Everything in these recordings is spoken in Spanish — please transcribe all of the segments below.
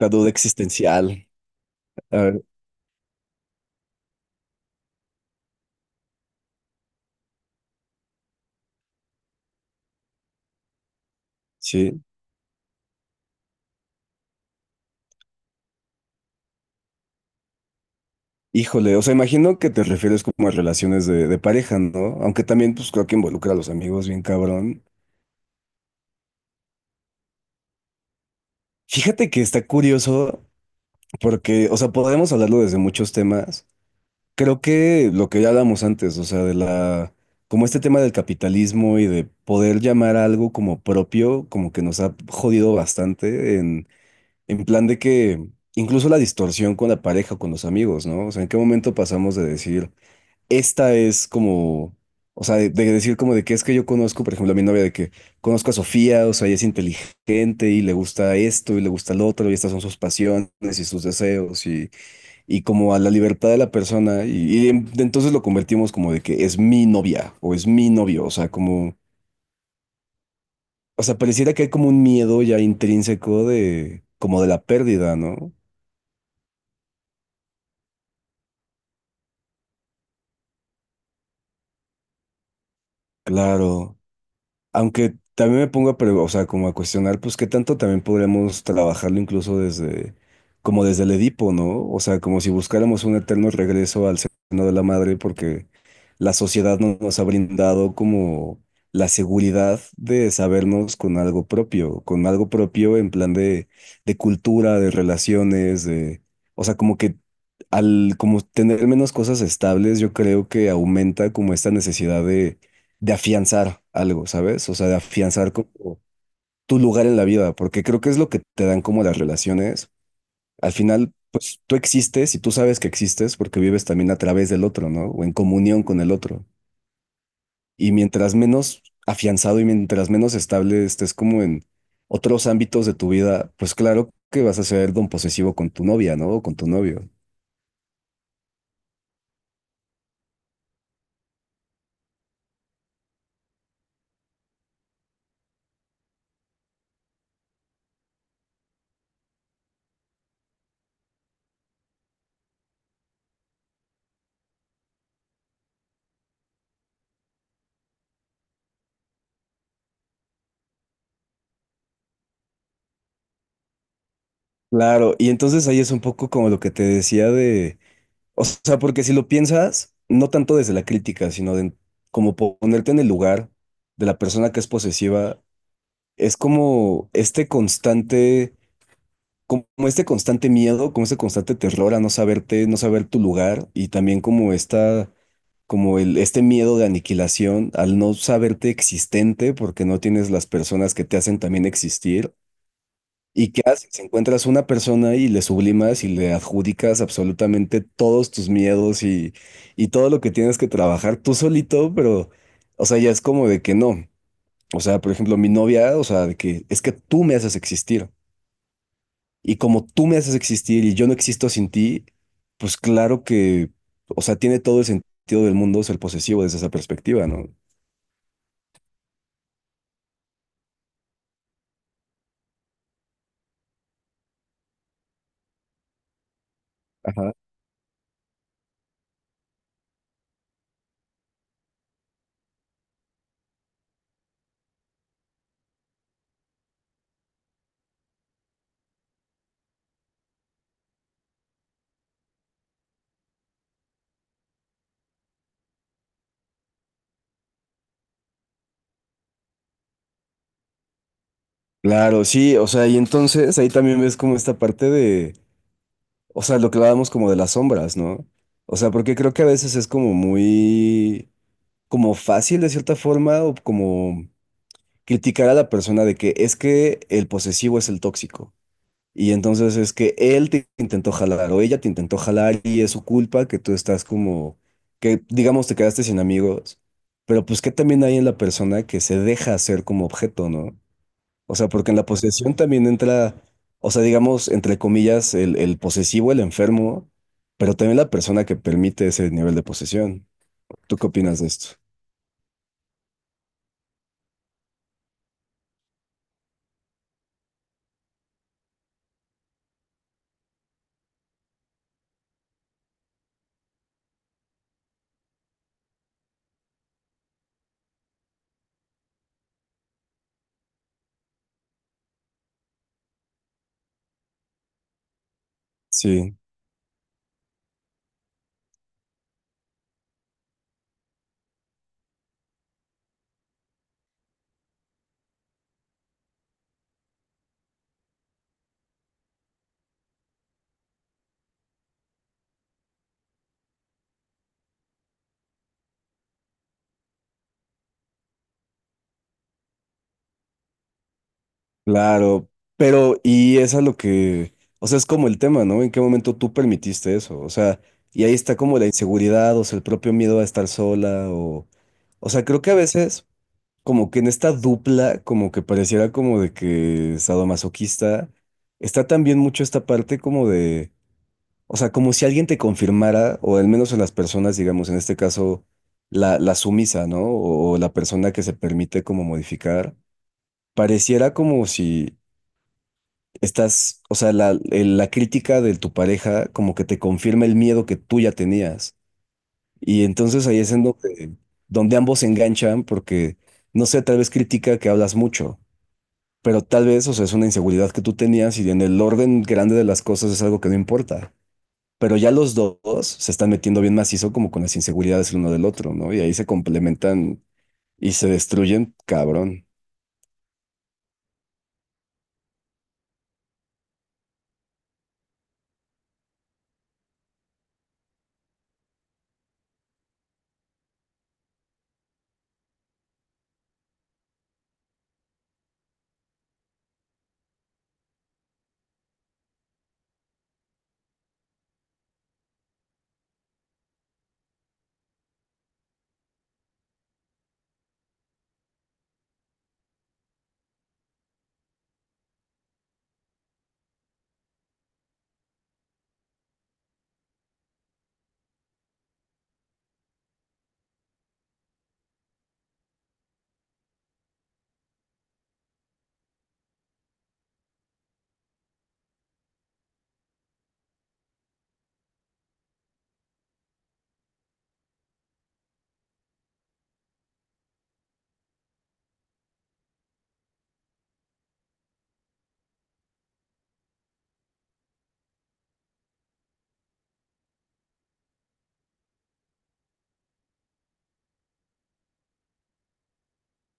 La duda existencial. A sí. Híjole, o sea, imagino que te refieres como a relaciones de pareja, ¿no? Aunque también, pues creo que involucra a los amigos, bien cabrón. Fíjate que está curioso porque, o sea, podemos hablarlo desde muchos temas. Creo que lo que ya hablamos antes, o sea, de la, como este tema del capitalismo y de poder llamar a algo como propio, como que nos ha jodido bastante en plan de que incluso la distorsión con la pareja o con los amigos, ¿no? O sea, ¿en qué momento pasamos de decir, esta es como, o sea, de decir como de que es que yo conozco, por ejemplo, a mi novia de que conozco a Sofía, o sea, ella es inteligente y le gusta esto y le gusta lo otro y estas son sus pasiones y sus deseos y como a la libertad de la persona y entonces lo convertimos como de que es mi novia o es mi novio, o sea, como, o sea, pareciera que hay como un miedo ya intrínseco como de la pérdida, ¿no? Claro. Aunque también me pongo a, o sea, como a cuestionar, pues qué tanto también podríamos trabajarlo incluso como desde el Edipo, ¿no? O sea, como si buscáramos un eterno regreso al seno de la madre, porque la sociedad no nos ha brindado como la seguridad de sabernos con algo propio en plan de cultura, de relaciones, o sea, como que al como tener menos cosas estables, yo creo que aumenta como esta necesidad de afianzar algo, ¿sabes? O sea, de afianzar como tu lugar en la vida, porque creo que es lo que te dan como las relaciones. Al final, pues tú existes y tú sabes que existes porque vives también a través del otro, ¿no? O en comunión con el otro. Y mientras menos afianzado y mientras menos estable estés como en otros ámbitos de tu vida, pues claro que vas a ser don posesivo con tu novia, ¿no? O con tu novio. Claro, y entonces ahí es un poco como lo que te decía de. O sea, porque si lo piensas, no tanto desde la crítica, sino de como ponerte en el lugar de la persona que es posesiva, es como este constante miedo, como este constante terror a no saberte, no saber tu lugar y también como esta, como el, este miedo de aniquilación al no saberte existente porque no tienes las personas que te hacen también existir. ¿Y qué haces? Encuentras una persona y le sublimas y le adjudicas absolutamente todos tus miedos y todo lo que tienes que trabajar tú solito, pero, o sea, ya es como de que no. O sea, por ejemplo, mi novia, o sea, de que es que tú me haces existir. Y como tú me haces existir y yo no existo sin ti, pues claro que, o sea, tiene todo el sentido del mundo ser posesivo desde esa perspectiva, ¿no? Ajá. Claro, sí, o sea, y entonces ahí también ves como esta parte de. O sea, lo que hablábamos como de las sombras, ¿no? O sea, porque creo que a veces es como muy, como fácil de cierta forma, o como criticar a la persona de que es que el posesivo es el tóxico. Y entonces es que él te intentó jalar o ella te intentó jalar y es su culpa que tú estás como, que digamos te quedaste sin amigos. Pero pues que también hay en la persona que se deja hacer como objeto, ¿no? O sea, porque en la posesión también entra, o sea, digamos, entre comillas, el posesivo, el enfermo, pero también la persona que permite ese nivel de posesión. ¿Tú qué opinas de esto? Sí, claro, pero y es a lo que, o sea, es como el tema, ¿no? ¿En qué momento tú permitiste eso? O sea, y ahí está como la inseguridad, o sea, el propio miedo a estar sola, o sea, creo que a veces, como que en esta dupla, como que pareciera como de que sadomasoquista, está también mucho esta parte como de. O sea, como si alguien te confirmara, o al menos en las personas, digamos, en este caso, la sumisa, ¿no? O la persona que se permite como modificar, pareciera como si estás, o sea, la crítica de tu pareja como que te confirma el miedo que tú ya tenías. Y entonces ahí es en donde, ambos se enganchan porque, no sé, tal vez critica que hablas mucho, pero tal vez, o sea, es una inseguridad que tú tenías y en el orden grande de las cosas es algo que no importa. Pero ya los dos se están metiendo bien macizo como con las inseguridades el uno del otro, ¿no? Y ahí se complementan y se destruyen, cabrón.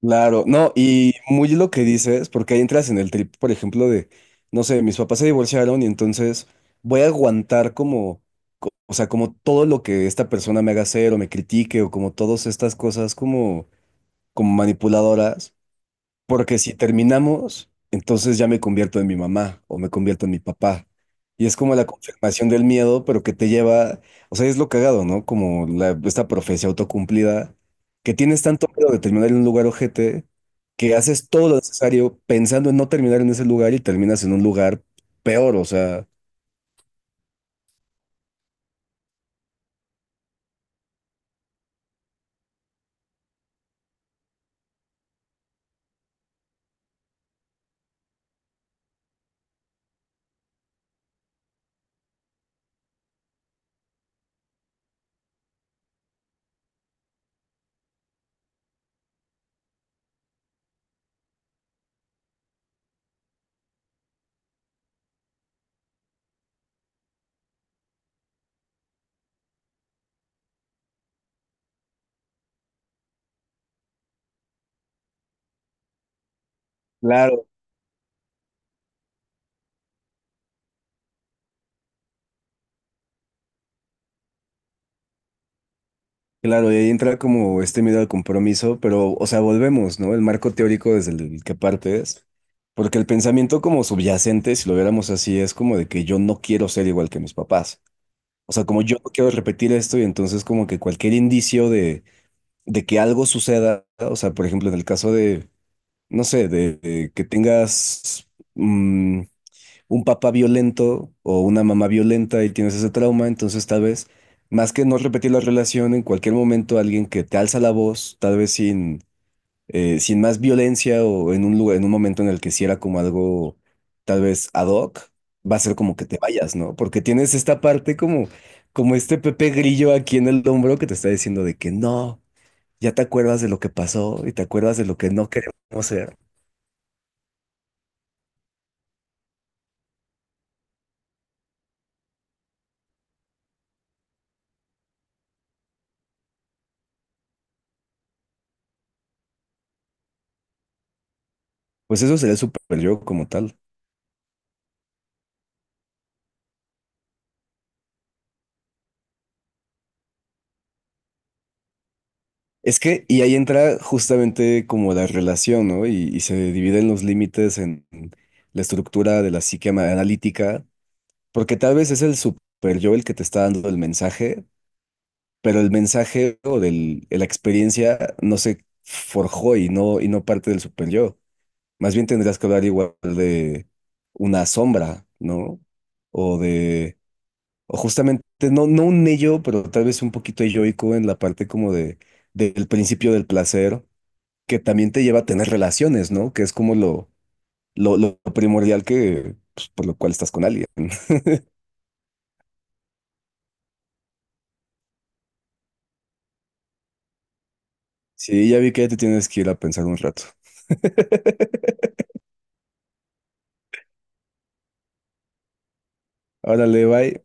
Claro, no, y muy lo que dices, porque ahí entras en el trip, por ejemplo, no sé, mis papás se divorciaron y entonces voy a aguantar como, o sea, como todo lo que esta persona me haga hacer o me critique o como todas estas cosas como, como manipuladoras. Porque si terminamos, entonces ya me convierto en mi mamá o me convierto en mi papá. Y es como la confirmación del miedo, pero que te lleva, o sea, es lo cagado, ¿no? Como esta profecía autocumplida, que tienes tanto miedo de terminar en un lugar ojete, que haces todo lo necesario pensando en no terminar en ese lugar y terminas en un lugar peor, o sea. Claro. Claro, y ahí entra como este miedo al compromiso, pero, o sea, volvemos, ¿no? El marco teórico desde el que partes, porque el pensamiento como subyacente, si lo viéramos así, es como de que yo no quiero ser igual que mis papás. O sea, como yo no quiero repetir esto y entonces como que cualquier indicio de que algo suceda, o sea, por ejemplo, en el caso de, no sé, de, que tengas, mm, un papá violento o una mamá violenta y tienes ese trauma, entonces tal vez, más que no repetir la relación, en cualquier momento alguien que te alza la voz, tal vez sin más violencia o en un lugar, en un momento en el que si era como algo tal vez ad hoc, va a ser como que te vayas, ¿no? Porque tienes esta parte como este Pepe Grillo aquí en el hombro que te está diciendo de que no. Ya te acuerdas de lo que pasó y te acuerdas de lo que no queremos ser. Pues eso sería el super yo como tal. Es que, y ahí entra justamente como la relación, ¿no? Y se dividen los límites en la estructura de la psique analítica, porque tal vez es el super yo el que te está dando el mensaje, pero el mensaje o del, la experiencia no se forjó y no, parte del super yo. Más bien tendrías que hablar igual de una sombra, ¿no? O de, o justamente, no un ello, pero tal vez un poquito elloico en la parte como del principio del placer que también te lleva a tener relaciones, ¿no? Que es como lo, lo primordial que, pues, por lo cual estás con alguien. Sí, ya vi que ya te tienes que ir a pensar un rato. Órale, bye.